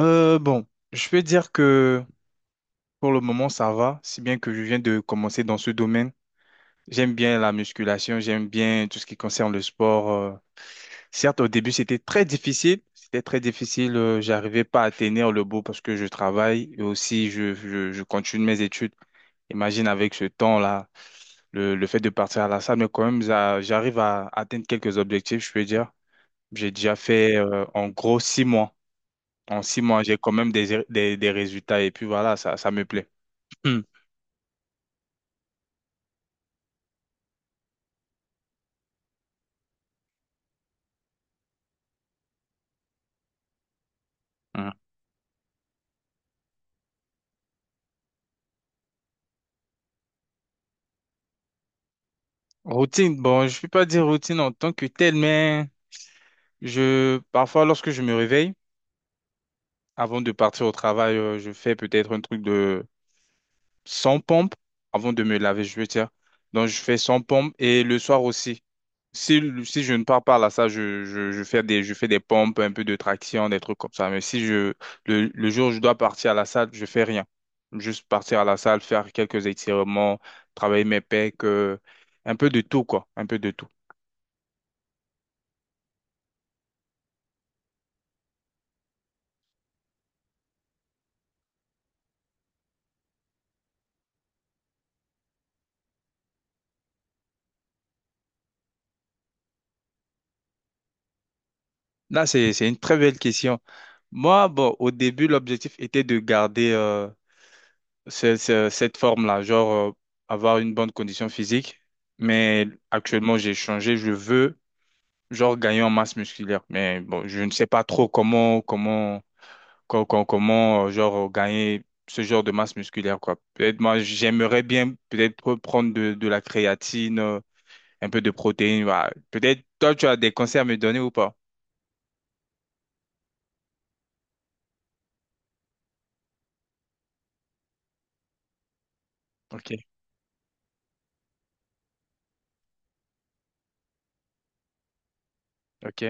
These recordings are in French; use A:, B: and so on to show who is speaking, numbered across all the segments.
A: Bon, je peux dire que pour le moment, ça va, si bien que je viens de commencer dans ce domaine. J'aime bien la musculation, j'aime bien tout ce qui concerne le sport. Certes, au début, c'était très difficile. C'était très difficile. J'arrivais pas à tenir le bout parce que je travaille et aussi je continue mes études. Imagine avec ce temps-là, le fait de partir à la salle, mais quand même, j'arrive à atteindre quelques objectifs, je peux dire. J'ai déjà fait, en gros 6 mois. En 6 mois, j'ai quand même des résultats et puis voilà, ça me plaît. Hmm. Hmm. Routine, bon, je ne peux pas dire routine en tant que telle, mais parfois, lorsque je me réveille, avant de partir au travail, je fais peut-être un truc de 100 pompes avant de me laver, je veux dire. Donc, je fais 100 pompes et le soir aussi. Si je ne pars pas là, ça, je fais des pompes, un peu de traction, des trucs comme ça. Mais si le jour où je dois partir à la salle, je fais rien. Juste partir à la salle, faire quelques étirements, travailler mes pecs, un peu de tout, quoi. Un peu de tout. Là, c'est une très belle question. Moi, bon, au début, l'objectif était de garder, cette forme-là, genre, avoir une bonne condition physique. Mais actuellement, j'ai changé. Je veux genre gagner en masse musculaire. Mais bon, je ne sais pas trop comment, genre, gagner ce genre de masse musculaire, quoi. Peut-être moi, j'aimerais bien peut-être prendre de la créatine, un peu de protéines. Voilà. Peut-être toi, tu as des conseils à me donner ou pas? Ok, ok,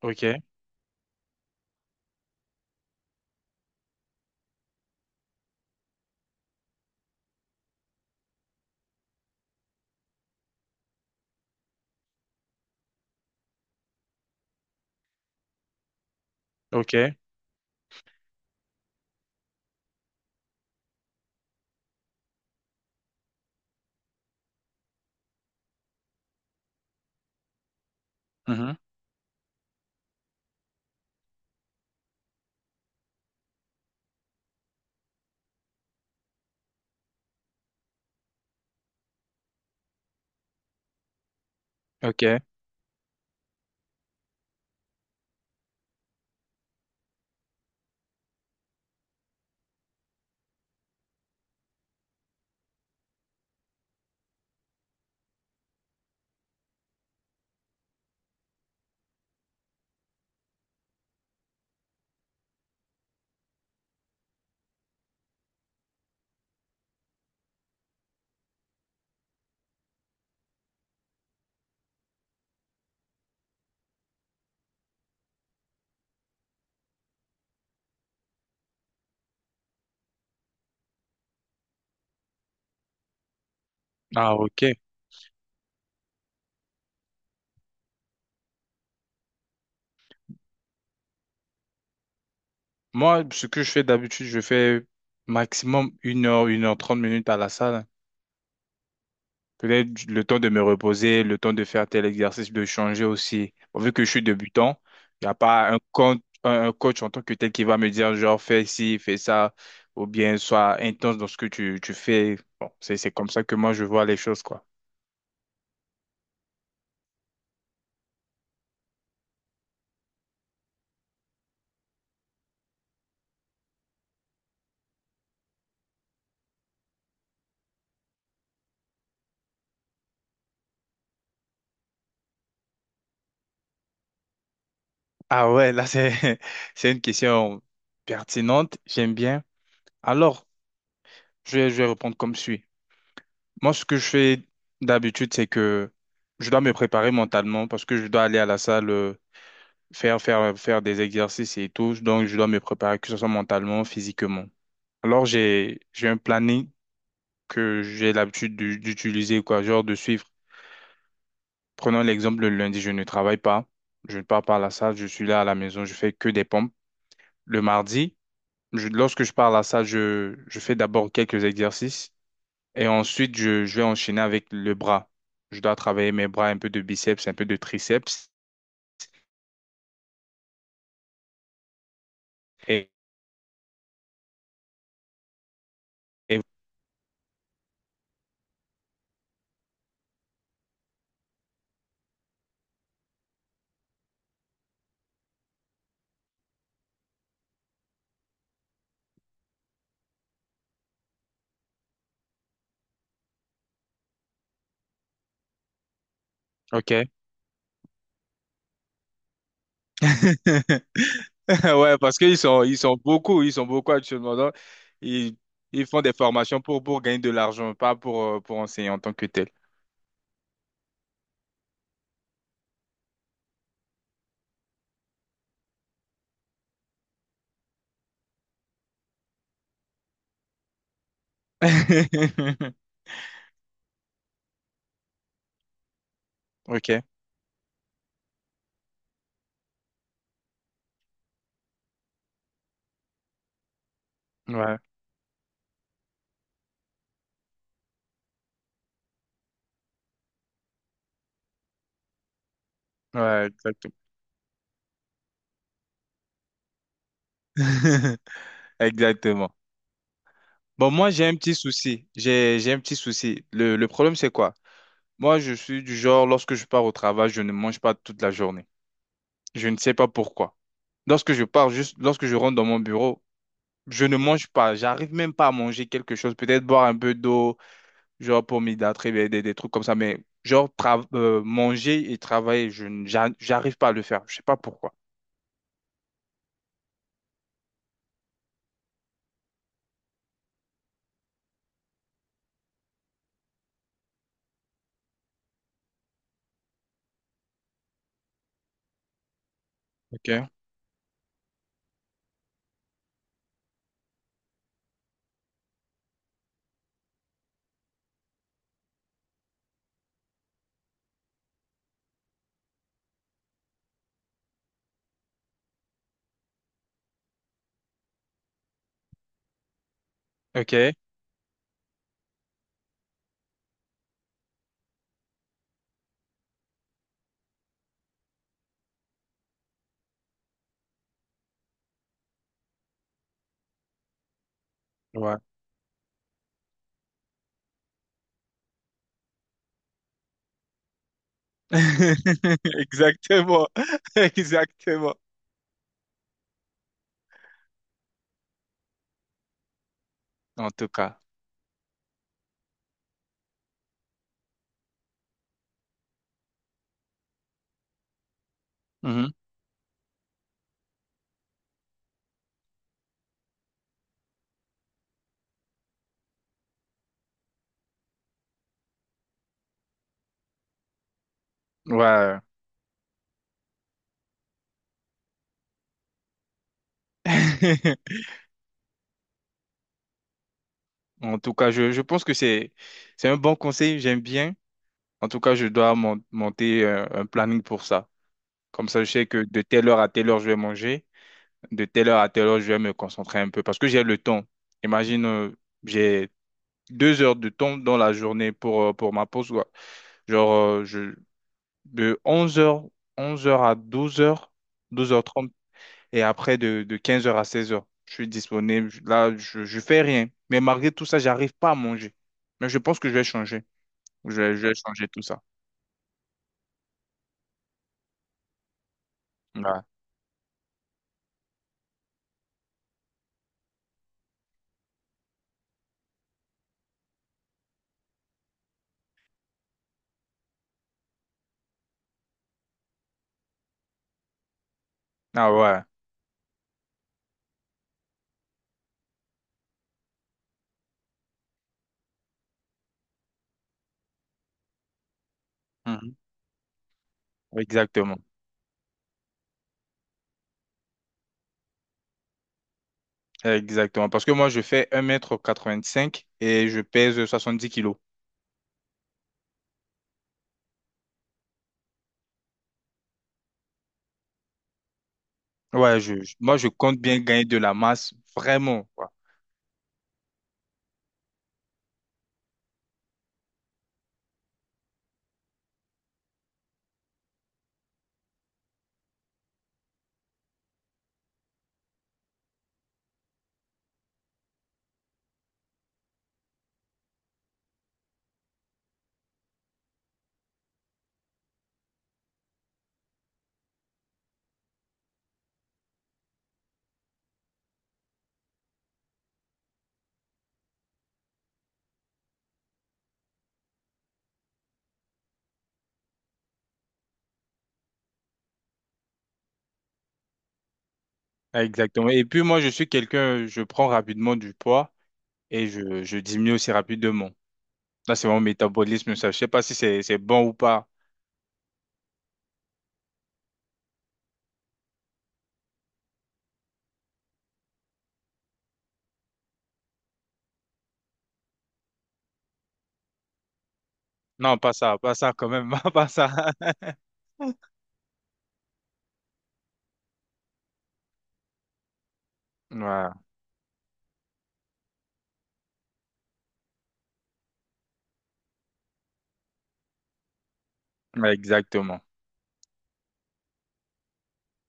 A: ok, ok, mhm, ok. Ah, ok. Moi, ce que je fais d'habitude, je fais maximum une heure trente minutes à la salle. Peut-être le temps de me reposer, le temps de faire tel exercice, de changer aussi. Bon, vu que je suis débutant, il n'y a pas un coach, un coach en tant que tel qui va me dire genre fais ci, fais ça, ou bien sois intense dans ce que tu fais. Bon, c'est comme ça que moi je vois les choses, quoi. Ah ouais, là c'est, c'est une question pertinente, j'aime bien. Alors, je vais répondre comme suit. Moi, ce que je fais d'habitude, c'est que je dois me préparer mentalement parce que je dois aller à la salle. Faire des exercices et tout. Donc, je dois me préparer, que ce soit mentalement, physiquement. Alors, j'ai un planning que j'ai l'habitude d'utiliser, quoi, genre de suivre. Prenons l'exemple, le lundi, je ne travaille pas. Je ne pars pas à la salle, je suis là à la maison, je fais que des pompes. Le mardi, lorsque je pars à la salle, je fais d'abord quelques exercices et ensuite, je vais enchaîner avec le bras. Je dois travailler mes bras, un peu de biceps, un peu de triceps. Et, et- ok. Ouais, parce qu'ils sont beaucoup, ils sont beaucoup actuellement. Donc, ils, ils font des formations pour gagner de l'argent, pas pour, pour enseigner en tant que tel. Ok, ouais, ouais, exactement. Exactement. Bon, moi, j'ai un petit souci. J'ai un petit souci. Le problème, c'est quoi? Moi, je suis du genre, lorsque je pars au travail, je ne mange pas toute la journée. Je ne sais pas pourquoi. Lorsque je pars, juste lorsque je rentre dans mon bureau, je ne mange pas, j'arrive même pas à manger quelque chose, peut-être boire un peu d'eau, genre pour m'hydrater, des trucs comme ça, mais genre manger et travailler, j'arrive pas à le faire, je sais pas pourquoi. Ok, ok, ouais. Exactement, exactement. En tout cas. Mhm. Ouais. En tout cas, je pense que c'est un bon conseil, j'aime bien. En tout cas, je dois monter un planning pour ça. Comme ça, je sais que de telle heure à telle heure, je vais manger. De telle heure à telle heure, je vais me concentrer un peu parce que j'ai le temps. Imagine, j'ai 2 heures de temps dans la journée pour ma pause, quoi. Genre, de onze heures à douze heures trente et après de 15 heures à 16 heures je suis disponible. Là, je fais rien. Mais malgré tout ça, j'arrive pas à manger. Mais je pense que je vais changer. Je vais changer tout ça. Ouais. Ah ouais. Mhm. Exactement. Exactement. Parce que moi, je fais 1,85 m et je pèse 70 kilos. Ouais, moi, je compte bien gagner de la masse, vraiment, quoi. Ah, exactement. Et puis, moi, je suis quelqu'un, je prends rapidement du poids et je diminue aussi rapidement. Là, c'est mon métabolisme, ça. Je sais pas si c'est bon ou pas. Non, pas ça, pas ça quand même, pas ça. Ouais, ouais, exactement.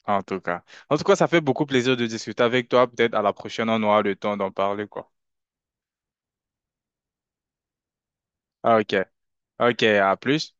A: En tout cas. En tout cas, ça fait beaucoup plaisir de discuter avec toi. Peut-être à la prochaine, on aura le temps d'en parler, quoi. Ah, ok, ok, à plus.